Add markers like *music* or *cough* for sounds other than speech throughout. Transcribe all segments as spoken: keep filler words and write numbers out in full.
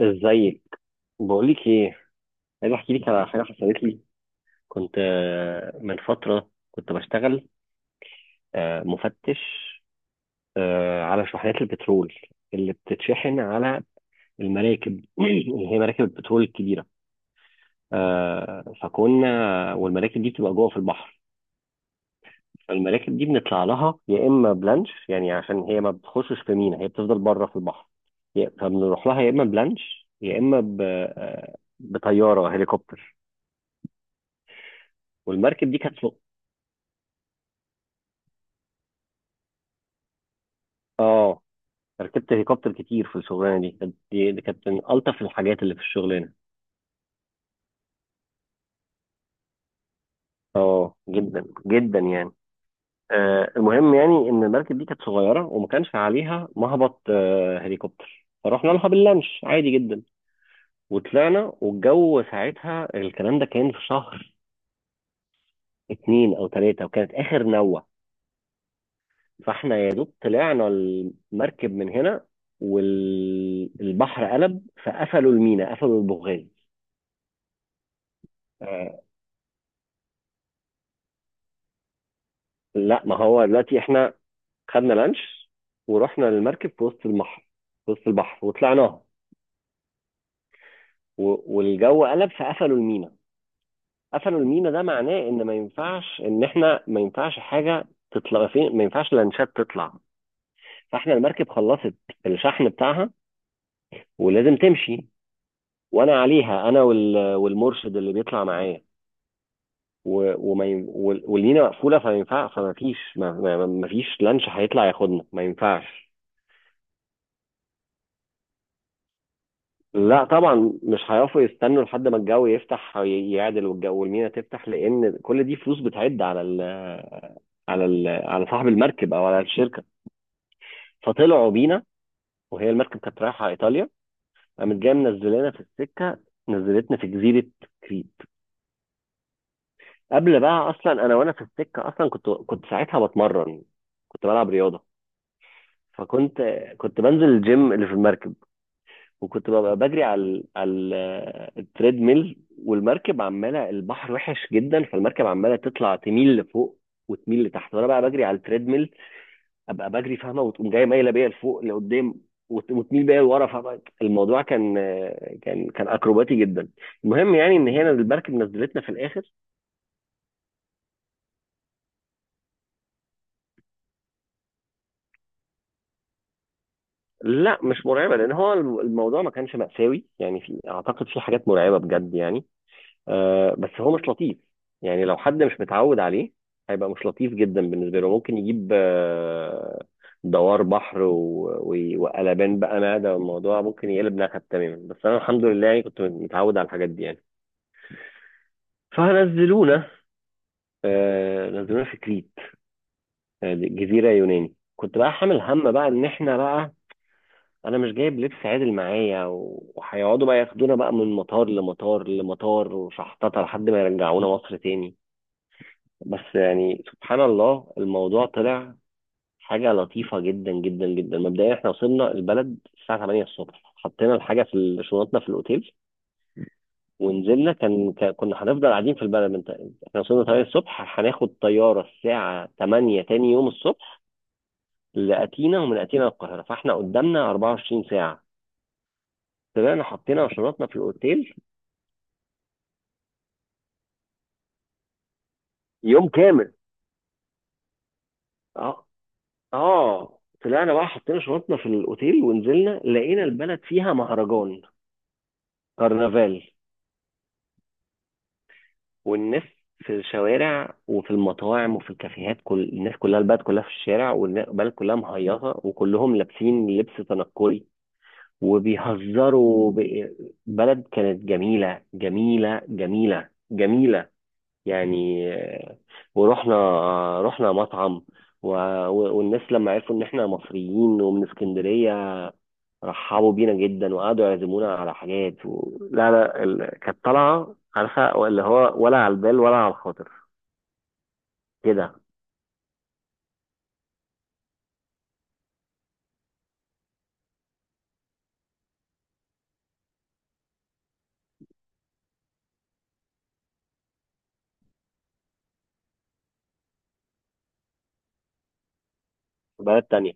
ازيك؟ بقولك ايه، عايز احكي لك على حاجه حصلت لي. كنت آه، من فتره كنت بشتغل آه، مفتش آه، على شحنات البترول اللي بتتشحن على المراكب *clears throat* اللي هي مراكب البترول الكبيره. آه، فكنا والمراكب دي بتبقى جوه في البحر. فالمراكب دي بنطلع لها يا اما بلانش يعني عشان هي ما بتخشش في مينا، هي بتفضل بره في البحر. يا- فبنروح لها يا اما بلانش يا اما ب- آه، بطياره هليكوبتر. والمركب دي كانت. اه، ركبت هليكوبتر كتير في الشغلانه دي، كانت دي دي كانت من الطف الحاجات اللي في الشغلانه. اه، جدا جدا يعني. آه، المهم يعني ان المركب دي كانت صغيره وما كانش عليها مهبط آه هليكوبتر، فرحنا لها باللانش عادي جدا. وطلعنا والجو ساعتها، الكلام ده كان في شهر اتنين او تلاته وكانت اخر نوه. فاحنا يا دوب طلعنا المركب من هنا والبحر قلب، فقفلوا المينا، قفلوا البوغاز. آه، لا، ما هو دلوقتي احنا خدنا لانش ورحنا للمركب في وسط البحر، في وسط البحر وطلعناها. و- والجو قلب فقفلوا المينا، قفلوا المينا. ده معناه ان ما ينفعش، ان احنا ما ينفعش حاجه تطلع، فين ما ينفعش لانشات تطلع. فاحنا المركب خلصت الشحن بتاعها ولازم تمشي، وانا عليها انا وال- والمرشد اللي بيطلع معايا. و- وما ي- وال- والمينا مقفوله، فما ينفع، فما فيش، ما ما- ما فيش لانش هيطلع ياخدنا، ما ينفعش. لا طبعا، مش هيعرفوا يستنوا لحد ما الجو يفتح ي- يعدل والجو والمينا تفتح، لان كل دي فلوس بتعد على ال، على ال، على صاحب المركب او على الشركه. فطلعوا بينا. وهي المركب كانت رايحه ايطاليا، قامت جايه منزلانا في السكه، نزلتنا في جزيره كريت. قبل بقى اصلا، انا وانا في السكه اصلا كنت كنت ساعتها بتمرن، كنت بلعب رياضه. فكنت كنت بنزل الجيم اللي في المركب، وكنت ببقى بجري على ال، على ال- التريد ميل. والمركب عماله، البحر وحش جدا فالمركب عماله تطلع، تميل لفوق وتميل لتحت وانا بقى بجري على التريد ميل. ابقى بجري، فاهمه، وتقوم جايه مايله بيا لفوق لقدام، وت- وتميل بيا لورا. فاهمه، الموضوع كان كان كان اكروباتي جدا. المهم يعني ان هنا المركب نزلتنا في الاخر. لا مش مرعبه، لان هو الم- الموضوع ما كانش مأساوي يعني، في، اعتقد في حاجات مرعبه بجد يعني. آه بس هو مش لطيف، يعني لو حد مش متعود عليه هيبقى مش لطيف جدا بالنسبه له، ممكن يجيب آه دوار بحر و- و- وقلبان بقى معده، والموضوع ممكن يقلب نكد تماما. بس انا الحمد لله يعني كنت متعود على الحاجات دي يعني. فنزلونا، آه نزلونا في كريت، آه، جزيره يوناني. كنت بقى حامل هم بقى ان احنا بقى، انا مش جايب لبس عادل معايا، وهيقعدوا بقى ياخدونا بقى من مطار لمطار لمطار وشحططه لحد ما يرجعونا مصر تاني. بس يعني سبحان الله الموضوع طلع حاجة لطيفة جدا جدا جدا. مبدئيا احنا وصلنا البلد الساعة تمانية الصبح، حطينا الحاجة في ال- شنطنا في الأوتيل ونزلنا. كان كان- كنا هنفضل قاعدين في البلد من تق- احنا وصلنا تمانية الصبح، هناخد طيارة الساعة تمانية تاني يوم الصبح لأتينا، ومن أتينا للقاهرة، فاحنا قدامنا اربعة وعشرين ساعة. طلعنا حطينا شنطنا في الأوتيل. يوم كامل. اه، اه، طلعنا بقى حطينا شنطنا في الأوتيل ونزلنا، لقينا البلد فيها مهرجان، كرنفال. والناس في الشوارع وفي المطاعم وفي الكافيهات، كل الناس كلها البلد كلها في الشارع، والبلد كلها مهيصة وكلهم لابسين لبس تنكري وبيهزروا ب- بلد كانت جميلة جميلة جميلة جميلة يعني. آه، ورحنا آه، رحنا مطعم و- و- والناس لما عرفوا ان احنا مصريين ومن اسكندرية رحبوا بينا جدا، وقعدوا يعزمونا على حاجات و... لا لا ال... كانت طالعة، عارفة اللي هو، ولا على البال ولا على الخاطر كده. بلد تانية.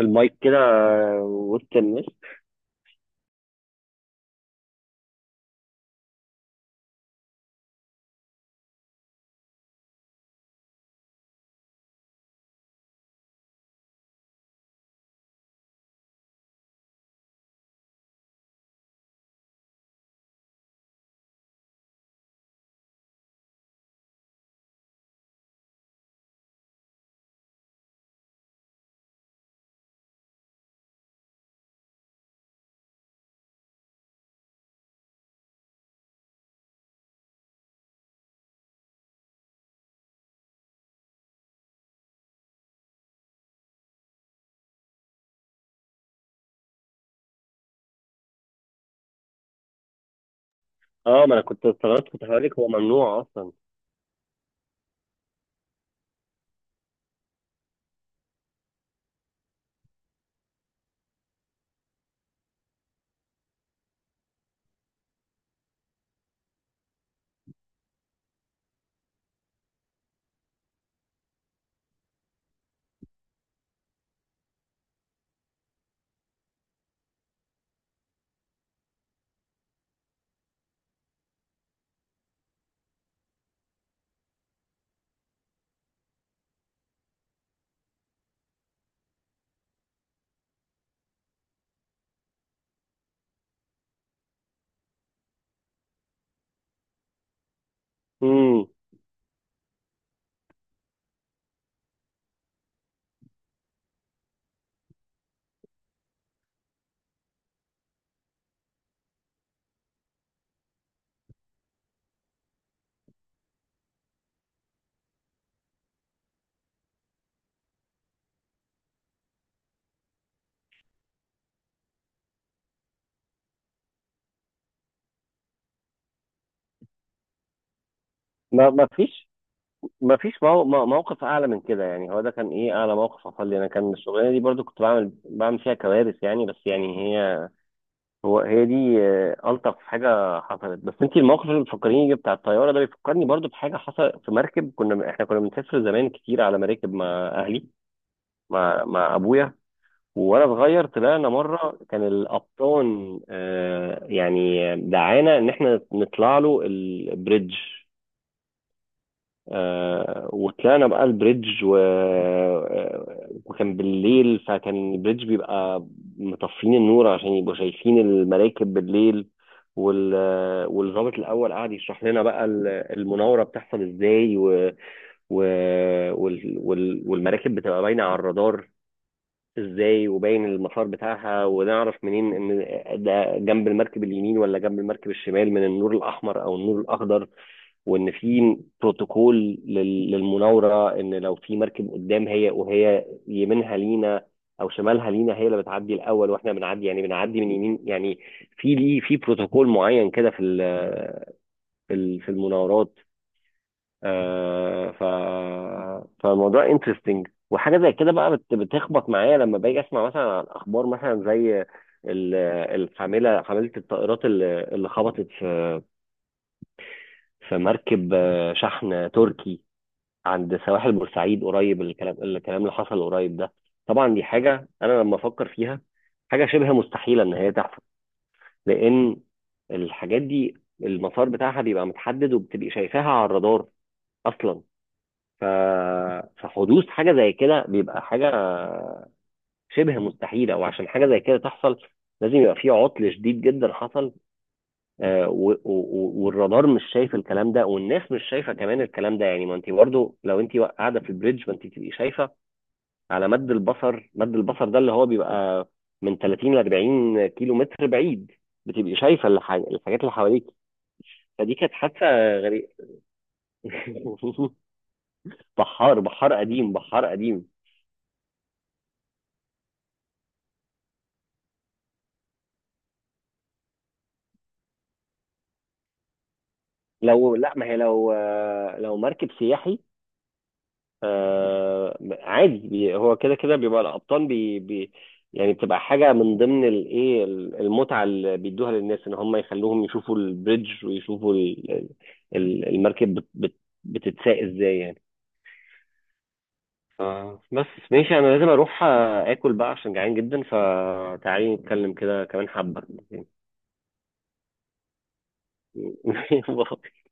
المايك كده، آه، وسط الناس. اه، ما انا كنت استغربت، كنت هقول لك هو ممنوع اصلا. امم، ما ما فيش، ما فيش مو... مو- موقف اعلى من كده يعني. هو ده كان ايه اعلى موقف حصل لي انا، كان الشغلانه دي برضو كنت بعمل، بعمل فيها كوارث يعني. بس يعني هي، هو هي دي آه، الطف حاجه حصلت. بس انت الموقف اللي بتفكريني بتاع الطياره ده بيفكرني برضو بحاجه حصلت في مركب، كنا احنا كنا بنسافر زمان كتير على مراكب مع اهلي، مع مع ابويا. وانا صغير طلعنا مره، كان القبطان آه، يعني دعانا ان احنا نطلع له البريدج. آه، وطلعنا بقى البريدج و... آه، وكان بالليل، فكان البريدج بيبقى مطفين النور عشان يبقوا شايفين المراكب بالليل. وال... آه، والضابط الاول قعد يشرح لنا بقى ال- المناوره بتحصل ازاي و... و... وال... وال... والمراكب بتبقى باينه على الرادار ازاي، وباين المسار بتاعها، ونعرف منين ان ده جنب المركب اليمين ولا جنب المركب الشمال من النور الاحمر او النور الاخضر. وان في بروتوكول لل- للمناوره، ان لو في مركب قدام، هي وهي يمينها لينا او شمالها لينا، هي اللي بتعدي الاول واحنا بنعدي يعني، بنعدي من يمين يعني. في ليه، في بروتوكول معين كده في ال، في ال، في المناورات. آه، ف فالموضوع انترستنج. وحاجه زي كده بقى بت- بتخبط معايا لما باجي اسمع مثلا عن اخبار مثلا زي ال- الحامله، حامله الطائرات اللي اللي خبطت في في مركب آه، شحن تركي عند سواحل بورسعيد قريب، الكلام الكلام اللي حصل قريب ده. طبعا دي حاجه انا لما افكر فيها، حاجه شبه مستحيله ان هي تحصل، لان الحاجات دي المسار بتاعها بيبقى متحدد، وبتبقي شايفاها على الرادار اصلا. ف... فحدوث حاجة زي كده بيبقى حاجة شبه مستحيلة، وعشان حاجة زي كده تحصل لازم يبقى في عطل شديد جدا حصل، آه، و- و- والرادار مش شايف الكلام ده، والناس مش شايفة كمان الكلام ده. يعني ما انت برضو لو انت قاعدة في البريدج ما انت تبقي شايفة على مد البصر. مد البصر ده اللي هو بيبقى من تلاتين ل اربعين كيلو متر بعيد، بتبقي شايفة الح- الحاجات اللي حواليك. فدي كانت حادثة غريبة. *laughs* بحار، بحار قديم بحار قديم لو، لا ما هي، لو آه، لو مركب سياحي، آه، عادي، بي- هو كده كده بيبقى القبطان بي بي يعني، بتبقى حاجة من ضمن الايه، المتعة اللي بيدوها للناس ان هم يخلوهم يشوفوا البريدج، ويشوفوا ال، ال، ال- المركب بت- بت- بتتساق ازاي يعني. آه، بس ماشي، انا لازم اروح آه، اكل بقى عشان جعان جدا، فتعالي نتكلم كده كمان حبة. *laughs*